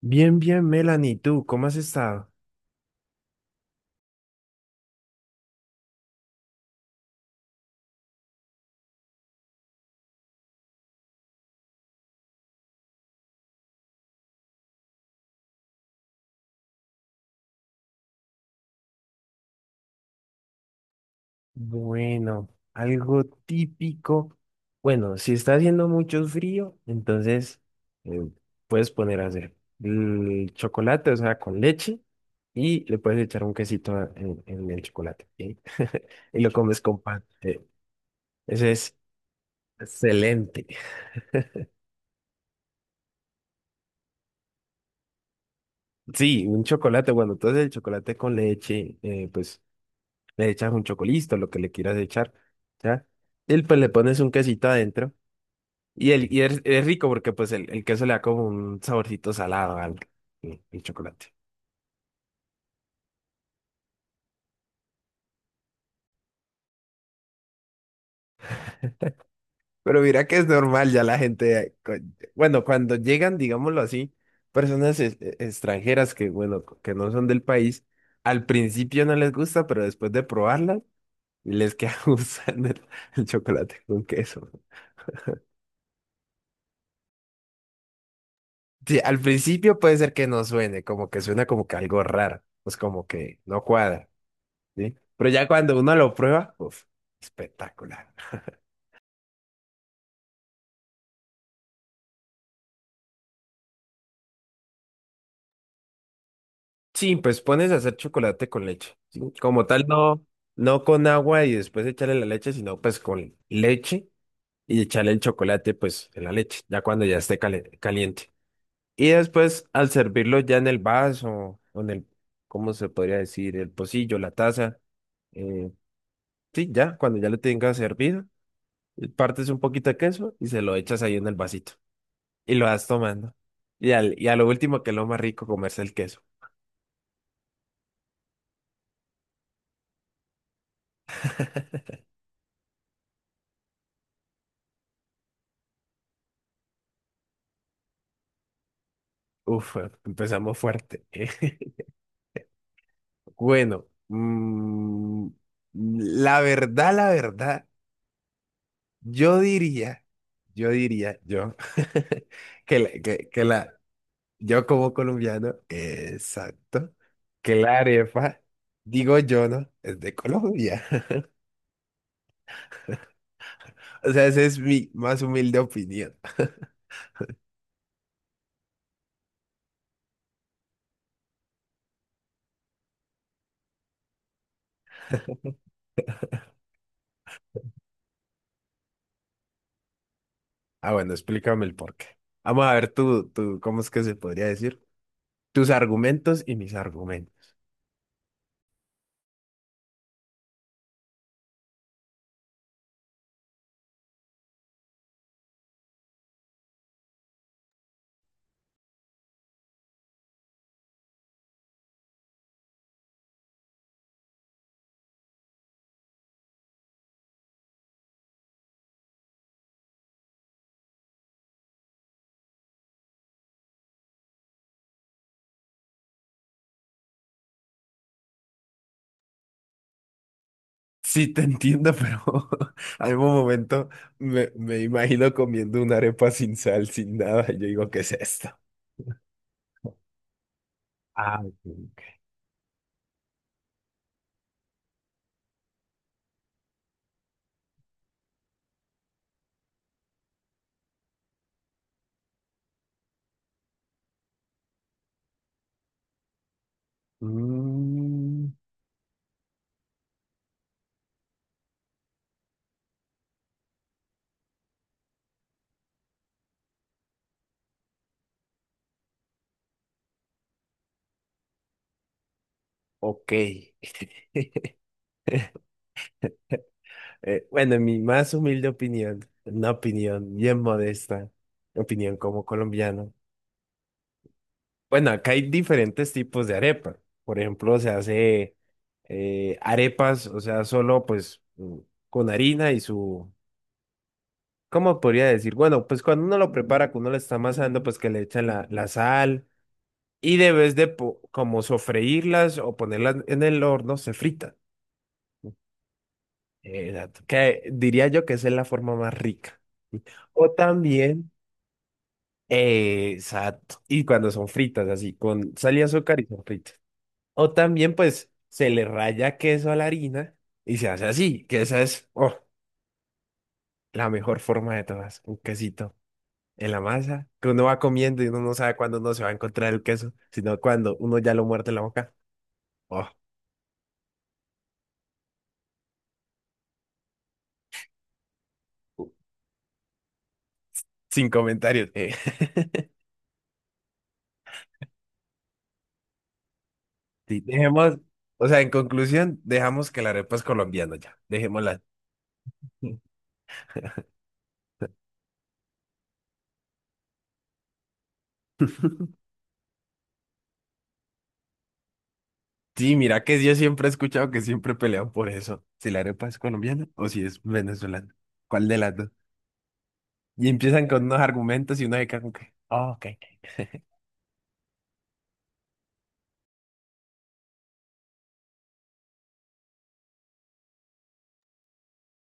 Bien, bien, Melanie, ¿tú cómo has estado? Bueno, algo típico. Bueno, si está haciendo mucho frío, entonces eh, puedes poner a hacer el chocolate, o sea, con leche, y le puedes echar un quesito en el chocolate, ¿sí? Y lo comes con pan. Ese es excelente. Sí, un chocolate, bueno, entonces el chocolate con leche, pues le echas un chocolito, lo que le quieras echar, ¿ya? Y pues le pones un quesito adentro. Y, el, y es rico porque pues el queso le da como un saborcito salado al, chocolate. Pero mira que es normal ya la gente, bueno, cuando llegan, digámoslo así, personas extranjeras que, bueno, que no son del país, al principio no les gusta, pero después de probarla, les queda gustando el chocolate con queso. Sí, al principio puede ser que no suene, como que suena como que algo raro, pues como que no cuadra, ¿sí? Pero ya cuando uno lo prueba, uff, espectacular. Sí, pues pones a hacer chocolate con leche. ¿Sí? Como tal, no, no con agua y después echarle la leche, sino pues con leche y echarle el chocolate pues en la leche, ya cuando ya esté caliente. Y después al servirlo ya en el vaso o en el, ¿cómo se podría decir? El pocillo, la taza. eh, sí, ya, cuando ya lo tengas servido, partes un poquito de queso y se lo echas ahí en el vasito y lo vas tomando. Y, al, y a lo último, que es lo más rico, comerse el queso. Uf, empezamos fuerte. Bueno, la verdad, yo diría, yo diría, que la, yo como colombiano, exacto, que la arepa, digo yo, ¿no? Es de Colombia. O sea, esa es mi más humilde opinión. Ah, bueno, explícame el porqué. Vamos a ver ¿cómo es que se podría decir? Tus argumentos y mis argumentos. Sí, te entiendo, pero algún momento me imagino comiendo una arepa sin sal, sin nada, y yo digo, ¿qué es esto? Ah, ok. Mm, ok. Bueno, en mi más humilde opinión, una opinión bien modesta, opinión como colombiano. Bueno, acá hay diferentes tipos de arepa. Por ejemplo, se hace arepas, o sea, solo pues con harina y su ¿cómo podría decir? Bueno, pues cuando uno lo prepara, que uno lo está amasando, pues que le echan la, la sal y debes de como sofreírlas o ponerlas en el horno, se fritan. Exacto. Que diría yo que esa es la forma más rica. O también, exacto, y cuando son fritas, así, con sal y azúcar y son fritas. O también, pues, se le raya queso a la harina y se hace así, que esa es, oh, la mejor forma de todas, un quesito en la masa, que uno va comiendo y uno no sabe cuándo uno se va a encontrar el queso, sino cuando uno ya lo muerde en la boca. Oh, sin comentarios. Sí, dejemos, o sea, en conclusión, dejamos que la arepa es colombiana ya, dejémosla. Sí, mira que yo siempre he escuchado que siempre pelean por eso, si la arepa es colombiana o si es venezolana, ¿cuál de las dos? Y empiezan con unos argumentos y uno se queda como que, "Ah, ok".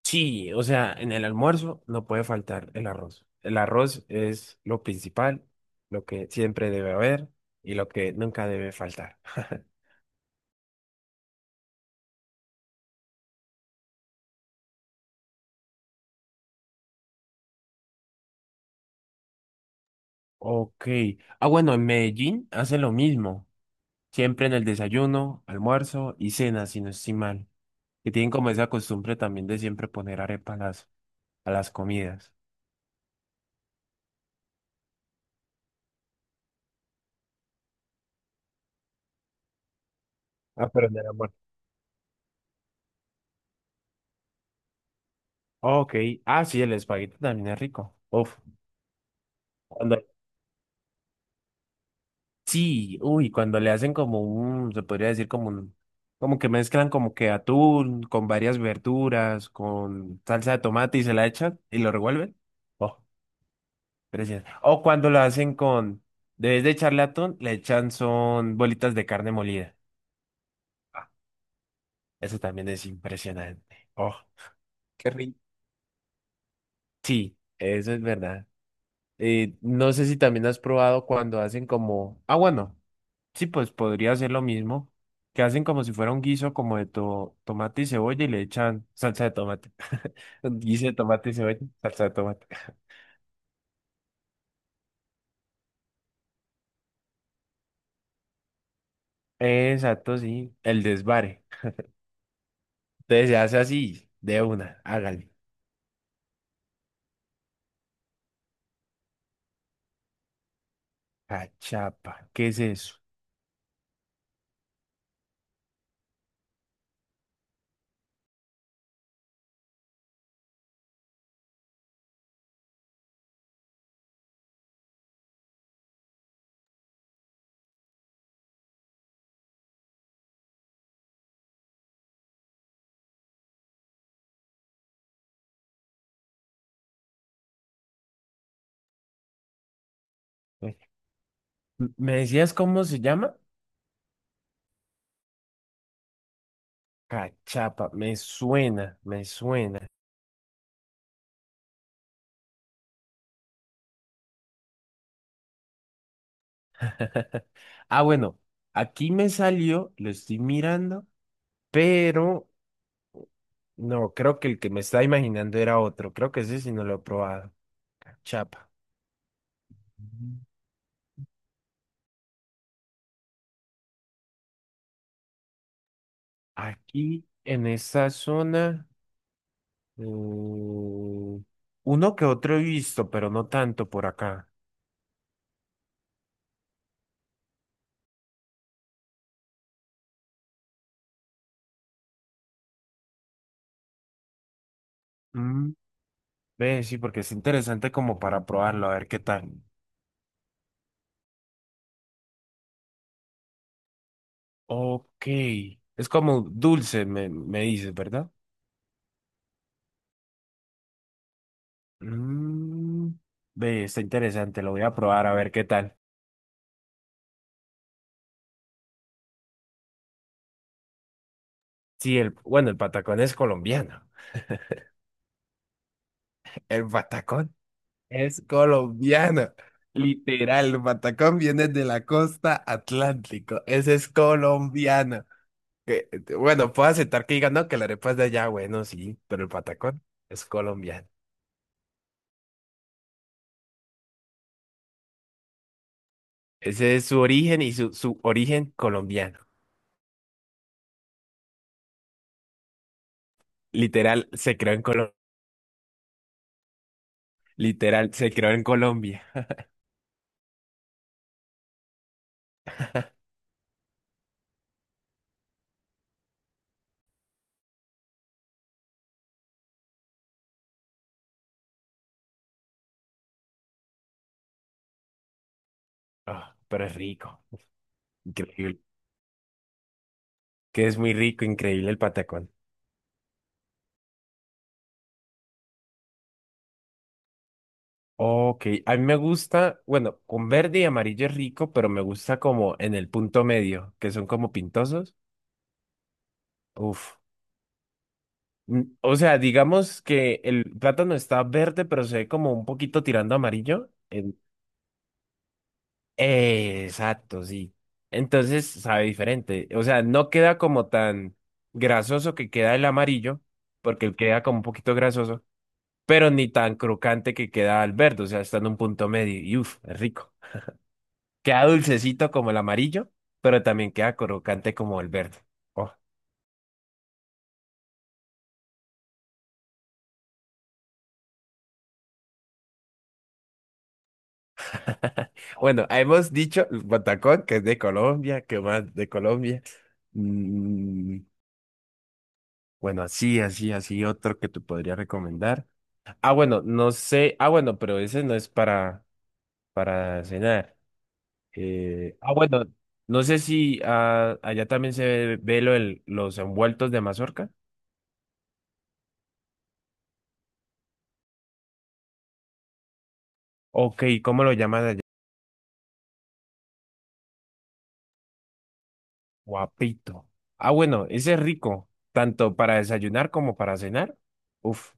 Sí, o sea, en el almuerzo no puede faltar el arroz. El arroz es lo principal, lo que siempre debe haber y lo que nunca debe faltar. Ok. Ah, bueno, en Medellín hacen lo mismo. Siempre en el desayuno, almuerzo y cena, si no estoy mal. Que tienen como esa costumbre también de siempre poner arepa a las comidas. Ah, pero en el almuerzo. Ok. Ah, sí, el espagueti también es rico. Uf. Sí, uy, cuando le hacen como un, se podría decir como un, como que mezclan como que atún con varias verduras, con salsa de tomate y se la echan y lo revuelven. Oh, precioso. O cuando lo hacen con, debes de echarle atún, le echan son bolitas de carne molida. Ah, eso también es impresionante. Oh, qué rico. Sí, eso es verdad. No sé si también has probado cuando hacen como, ah, bueno. Sí, pues podría ser lo mismo, que hacen como si fuera un guiso como de tomate y cebolla y le echan salsa de tomate. Un guiso de tomate y cebolla, salsa de tomate. Exacto, sí, el desvare. Entonces se hace así, de una, hágale. Cachapa, ¿qué es eso? Eh, ¿Me decías cómo se llama? Cachapa, me suena, me suena. Ah, bueno, aquí me salió, lo estoy mirando, pero no, creo que el que me estaba imaginando era otro. Creo que ese sí no lo he probado. Cachapa. Mm. Aquí en esta zona, mm, uno que otro he visto, pero no tanto por acá. Mm, ve, sí, porque es interesante como para probarlo, a ver qué tal. Ok. Es como dulce, me dices, ¿verdad? Mm, ve, está interesante, lo voy a probar a ver qué tal. Sí, el, bueno, el patacón es colombiano. El patacón. Es colombiano. Literal, el patacón viene de la costa atlántico. Ese es colombiano. Que, bueno, puedo aceptar que digan, no, que la arepa es de allá, bueno, sí, pero el patacón es colombiano. Ese es su origen y su origen colombiano. Literal, se creó en Colombia. Literal, se creó en Colombia. Ah, pero es rico. Increíble. Que es muy rico, increíble el patacón. Ok, a mí me gusta, bueno, con verde y amarillo es rico, pero me gusta como en el punto medio, que son como pintosos. Uf. Mm, o sea, digamos que el plátano está verde, pero se ve como un poquito tirando amarillo. Exacto, sí. Entonces sabe diferente. O sea, no queda como tan grasoso que queda el amarillo, porque él queda como un poquito grasoso, pero ni tan crocante que queda el verde. O sea, está en un punto medio y uf, es rico. Queda dulcecito como el amarillo, pero también queda crocante como el verde. Oh. Bueno, hemos dicho el patacón, que es de Colombia, que más de Colombia. Mm, bueno, así, así, así, otro que te podría recomendar. Ah, bueno, no sé. Ah, bueno, pero ese no es para cenar. Bueno, no sé si ah, allá también se ve, ve lo los envueltos de mazorca. Ok, ¿cómo lo llaman allá? Guapito. Ah, bueno, ese es rico, tanto para desayunar como para cenar. Uf,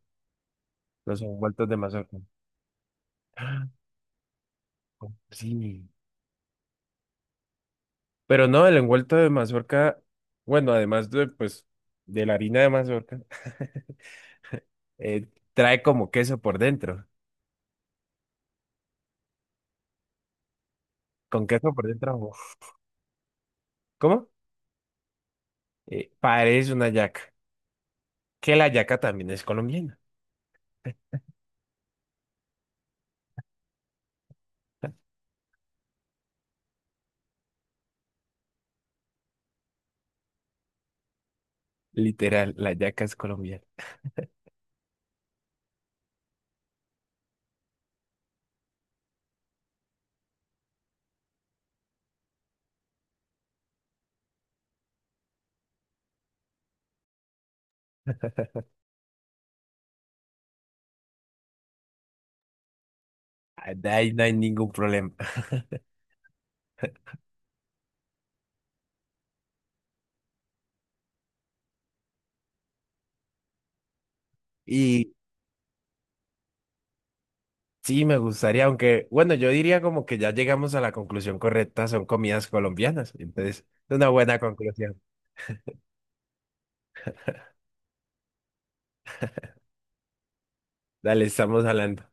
los envueltos de mazorca. Ah, sí. Pero no, el envuelto de mazorca, bueno, además de, pues, de la harina de mazorca, eh, trae como queso por dentro. Con queso por dentro, uf. ¿Cómo? Parece una yaca. Que la yaca también es colombiana. Literal, la yaca es colombiana. Ah, de ahí no hay ningún problema. y sí, me gustaría, aunque, bueno, yo diría como que ya llegamos a la conclusión correcta, son comidas colombianas, entonces, es una buena conclusión. Dale, estamos hablando.